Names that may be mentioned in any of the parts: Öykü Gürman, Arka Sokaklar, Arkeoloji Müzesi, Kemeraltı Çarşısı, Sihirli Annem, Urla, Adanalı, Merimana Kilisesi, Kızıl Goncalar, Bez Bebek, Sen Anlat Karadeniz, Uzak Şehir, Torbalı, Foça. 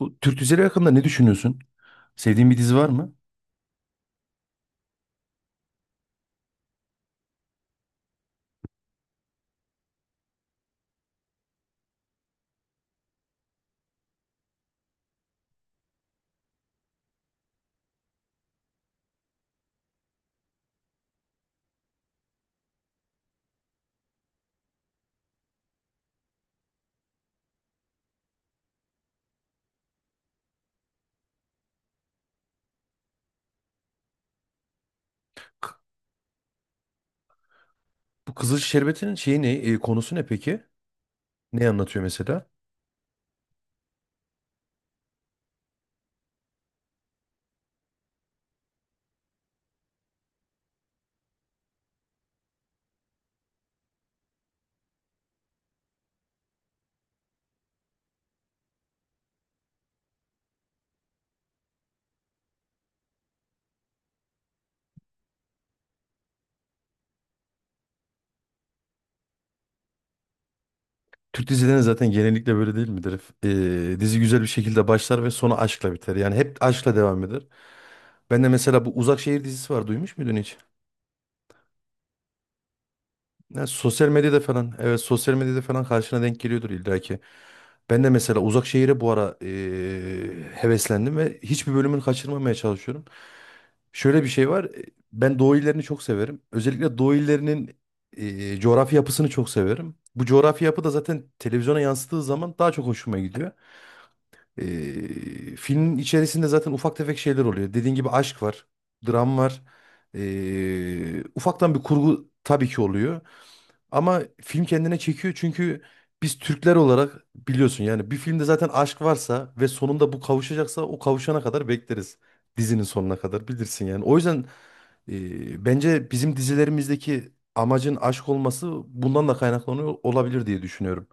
Bu Türk dizileri hakkında ne düşünüyorsun? Sevdiğin bir dizi var mı? K- Bu Kızıl Şerbeti'nin şeyi ne? Konusu ne peki? Ne anlatıyor mesela? Türk dizilerinin zaten genellikle böyle değil midir? E, dizi güzel bir şekilde başlar ve sonu aşkla biter. Yani hep aşkla devam eder. Ben de mesela bu Uzak Şehir dizisi var. Duymuş muydun hiç? Ya sosyal medyada falan, evet, sosyal medyada falan karşına denk geliyordur illaki. Ben de mesela uzak şehire bu ara heveslendim ve hiçbir bölümünü kaçırmamaya çalışıyorum. Şöyle bir şey var. Ben doğu illerini çok severim. Özellikle doğu illerinin coğrafi yapısını çok severim. Bu coğrafi yapı da zaten televizyona yansıttığı zaman daha çok hoşuma gidiyor. Filmin içerisinde zaten ufak tefek şeyler oluyor. Dediğin gibi aşk var, dram var. Ufaktan bir kurgu tabii ki oluyor. Ama film kendine çekiyor çünkü biz Türkler olarak biliyorsun yani bir filmde zaten aşk varsa ve sonunda bu kavuşacaksa o kavuşana kadar bekleriz. Dizinin sonuna kadar bilirsin yani. O yüzden bence bizim dizilerimizdeki amacın aşk olması bundan da kaynaklanıyor olabilir diye düşünüyorum.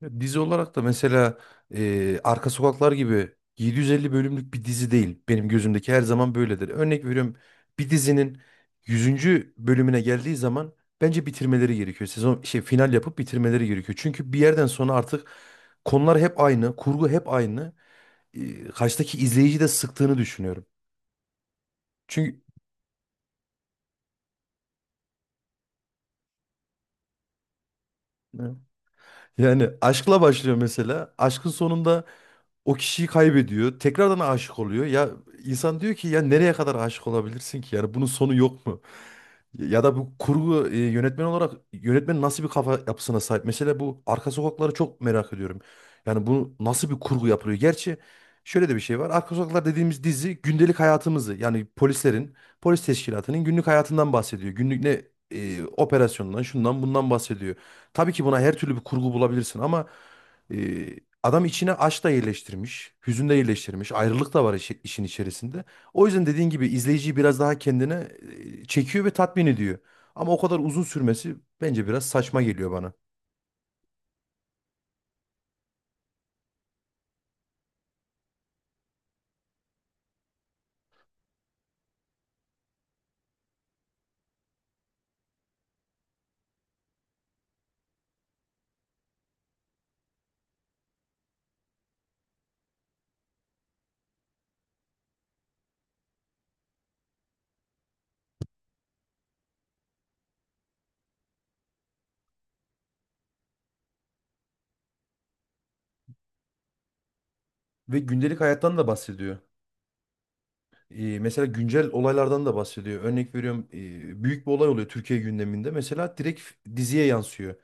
Ya dizi olarak da mesela Arka Sokaklar gibi 750 bölümlük bir dizi değil. Benim gözümdeki her zaman böyledir. Örnek veriyorum, bir dizinin yüzüncü bölümüne geldiği zaman bence bitirmeleri gerekiyor. Sezon şey final yapıp bitirmeleri gerekiyor. Çünkü bir yerden sonra artık konular hep aynı, kurgu hep aynı. E, karşıdaki izleyici de sıktığını düşünüyorum. Çünkü yani aşkla başlıyor mesela. Aşkın sonunda o kişiyi kaybediyor. Tekrardan aşık oluyor. Ya insan diyor ki ya nereye kadar aşık olabilirsin ki? Yani bunun sonu yok mu? Ya da bu kurgu, yönetmen olarak yönetmen nasıl bir kafa yapısına sahip? Mesela bu arka sokakları çok merak ediyorum. Yani bu nasıl bir kurgu yapılıyor? Gerçi şöyle de bir şey var. Arka sokaklar dediğimiz dizi gündelik hayatımızı, yani polislerin, polis teşkilatının günlük hayatından bahsediyor. Günlük ne operasyondan, şundan bundan bahsediyor. Tabii ki buna her türlü bir kurgu bulabilirsin ama e, adam içine aşk da yerleştirmiş, hüzün de yerleştirmiş, ayrılık da var işin içerisinde. O yüzden dediğin gibi izleyiciyi biraz daha kendine çekiyor ve tatmin ediyor. Ama o kadar uzun sürmesi bence biraz saçma geliyor bana. Ve gündelik hayattan da bahsediyor. E, mesela güncel olaylardan da bahsediyor. Örnek veriyorum, büyük bir olay oluyor Türkiye gündeminde. Mesela direkt diziye yansıyor.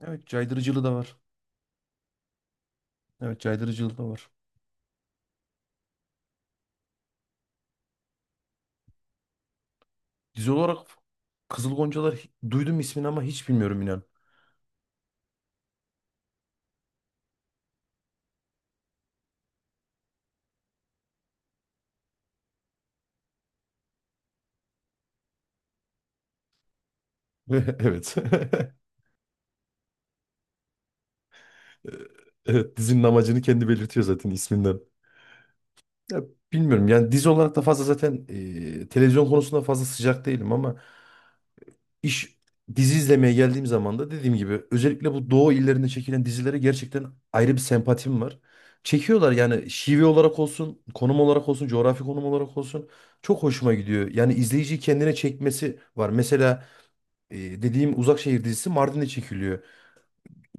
Evet, caydırıcılığı da var. Evet, caydırıcılığı da var. Dizi olarak Kızıl Goncalar, duydum ismini ama hiç bilmiyorum inan. Evet. Evet, dizinin amacını kendi belirtiyor zaten isminden. Ya, bilmiyorum yani dizi olarak da fazla zaten televizyon konusunda fazla sıcak değilim ama iş dizi izlemeye geldiğim zaman da dediğim gibi özellikle bu doğu illerinde çekilen dizilere gerçekten ayrı bir sempatim var. Çekiyorlar yani şive olarak olsun, konum olarak olsun, coğrafi konum olarak olsun çok hoşuma gidiyor. Yani izleyiciyi kendine çekmesi var. Mesela dediğim Uzak Şehir dizisi Mardin'de çekiliyor.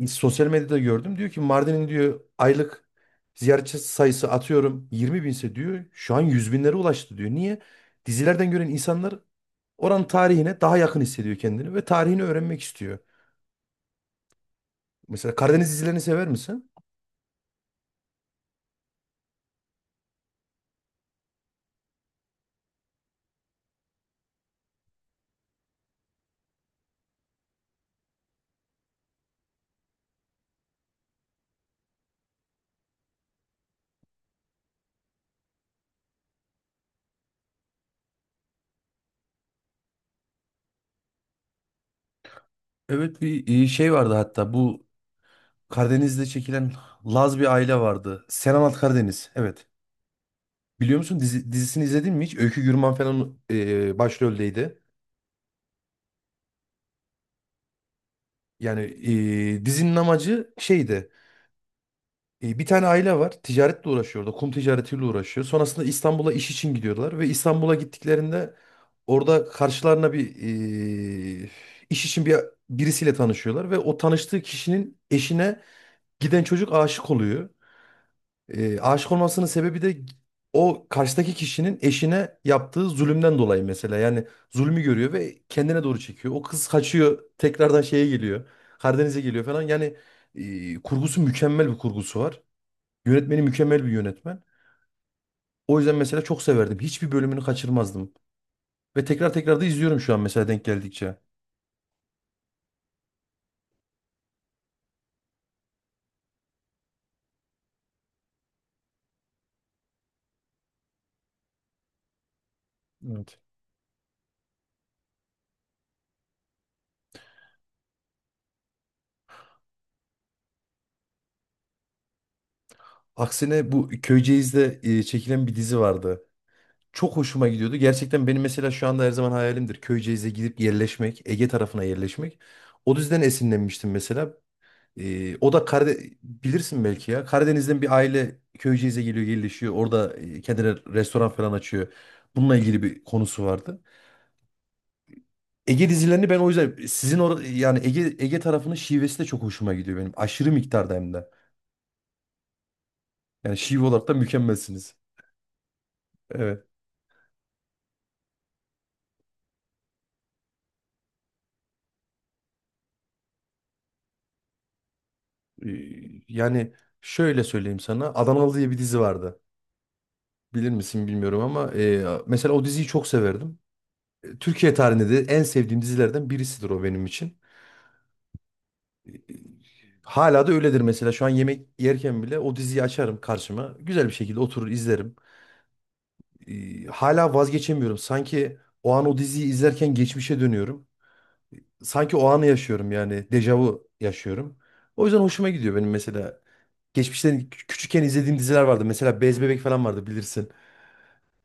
Sosyal medyada gördüm. Diyor ki Mardin'in diyor aylık ziyaretçi sayısı atıyorum 20 binse diyor. Şu an 100 binlere ulaştı diyor. Niye? Dizilerden gören insanlar oranın tarihine daha yakın hissediyor kendini ve tarihini öğrenmek istiyor. Mesela Karadeniz dizilerini sever misin? Evet, bir şey vardı hatta bu Karadeniz'de çekilen Laz bir aile vardı. Sen Anlat Karadeniz. Evet. Biliyor musun dizisini izledin mi hiç? Öykü Gürman falan başroldeydi. Yani dizinin amacı şeydi. Bir tane aile var. Ticaretle uğraşıyor orada. Kum ticaretiyle uğraşıyor. Sonrasında İstanbul'a iş için gidiyorlar. Ve İstanbul'a gittiklerinde orada karşılarına bir, e, iş için birisiyle tanışıyorlar. Ve o tanıştığı kişinin eşine giden çocuk aşık oluyor. E, aşık olmasının sebebi de o karşıdaki kişinin eşine yaptığı zulümden dolayı mesela. Yani zulmü görüyor ve kendine doğru çekiyor. O kız kaçıyor, tekrardan şeye geliyor. Karadeniz'e geliyor falan. Yani kurgusu mükemmel bir kurgusu var. Yönetmeni mükemmel bir yönetmen. O yüzden mesela çok severdim. Hiçbir bölümünü kaçırmazdım. Ve tekrar tekrar da izliyorum şu an mesela denk geldikçe. Evet. Aksine bu Köyceğiz'de çekilen bir dizi vardı. Çok hoşuma gidiyordu. Gerçekten benim mesela şu anda her zaman hayalimdir. Köyceğiz'e gidip yerleşmek, Ege tarafına yerleşmek. O yüzden esinlenmiştim mesela. O da Karade bilirsin belki ya. Karadeniz'den bir aile Köyceğiz'e geliyor, yerleşiyor. Orada kendine restoran falan açıyor. Bununla ilgili bir konusu vardı. Ege dizilerini ben o yüzden sizin yani Ege tarafının şivesi de çok hoşuma gidiyor benim. Aşırı miktarda hem de. Yani şive olarak da mükemmelsiniz. Evet. Ee, Yani şöyle söyleyeyim sana. Adanalı diye bir dizi vardı. Bilir misin bilmiyorum ama mesela o diziyi çok severdim. Türkiye tarihinde de en sevdiğim dizilerden birisidir o benim için. E, e, Hala da öyledir mesela. Şu an yemek yerken bile o diziyi açarım karşıma. Güzel bir şekilde oturur izlerim. Hala vazgeçemiyorum. Sanki o an o diziyi izlerken geçmişe dönüyorum. Sanki o anı yaşıyorum yani. Dejavu yaşıyorum. O yüzden hoşuma gidiyor benim mesela. Geçmişten küçükken izlediğim diziler vardı. Mesela Bez Bebek falan vardı bilirsin.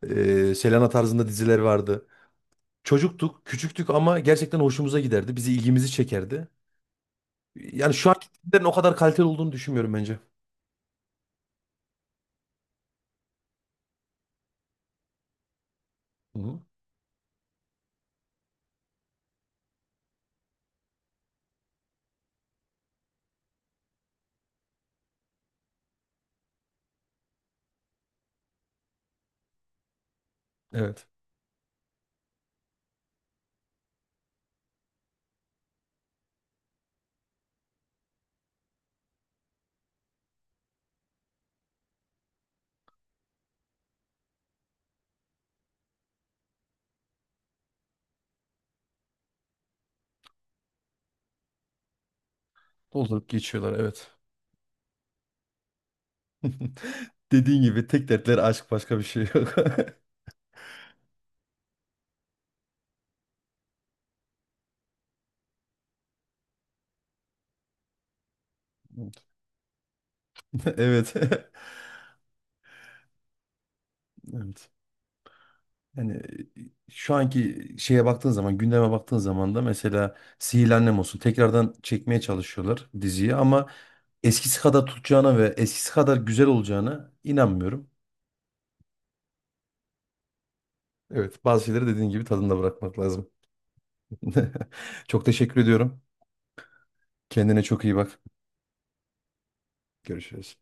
Selena tarzında diziler vardı. Çocuktuk, küçüktük ama gerçekten hoşumuza giderdi. Bizi ilgimizi çekerdi. Yani şu anki filmlerin o kadar kaliteli olduğunu düşünmüyorum bence. Hı hı. Evet. Doldurup geçiyorlar, evet. Dediğin gibi tek dertleri aşk, başka bir şey yok. Evet. Evet. Yani şu anki şeye baktığın zaman, gündeme baktığın zaman da mesela Sihirli Annem olsun, tekrardan çekmeye çalışıyorlar diziyi ama eskisi kadar tutacağına ve eskisi kadar güzel olacağına inanmıyorum. Evet, bazı şeyleri dediğin gibi tadında bırakmak lazım. Çok teşekkür ediyorum. Kendine çok iyi bak. Görüşürüz.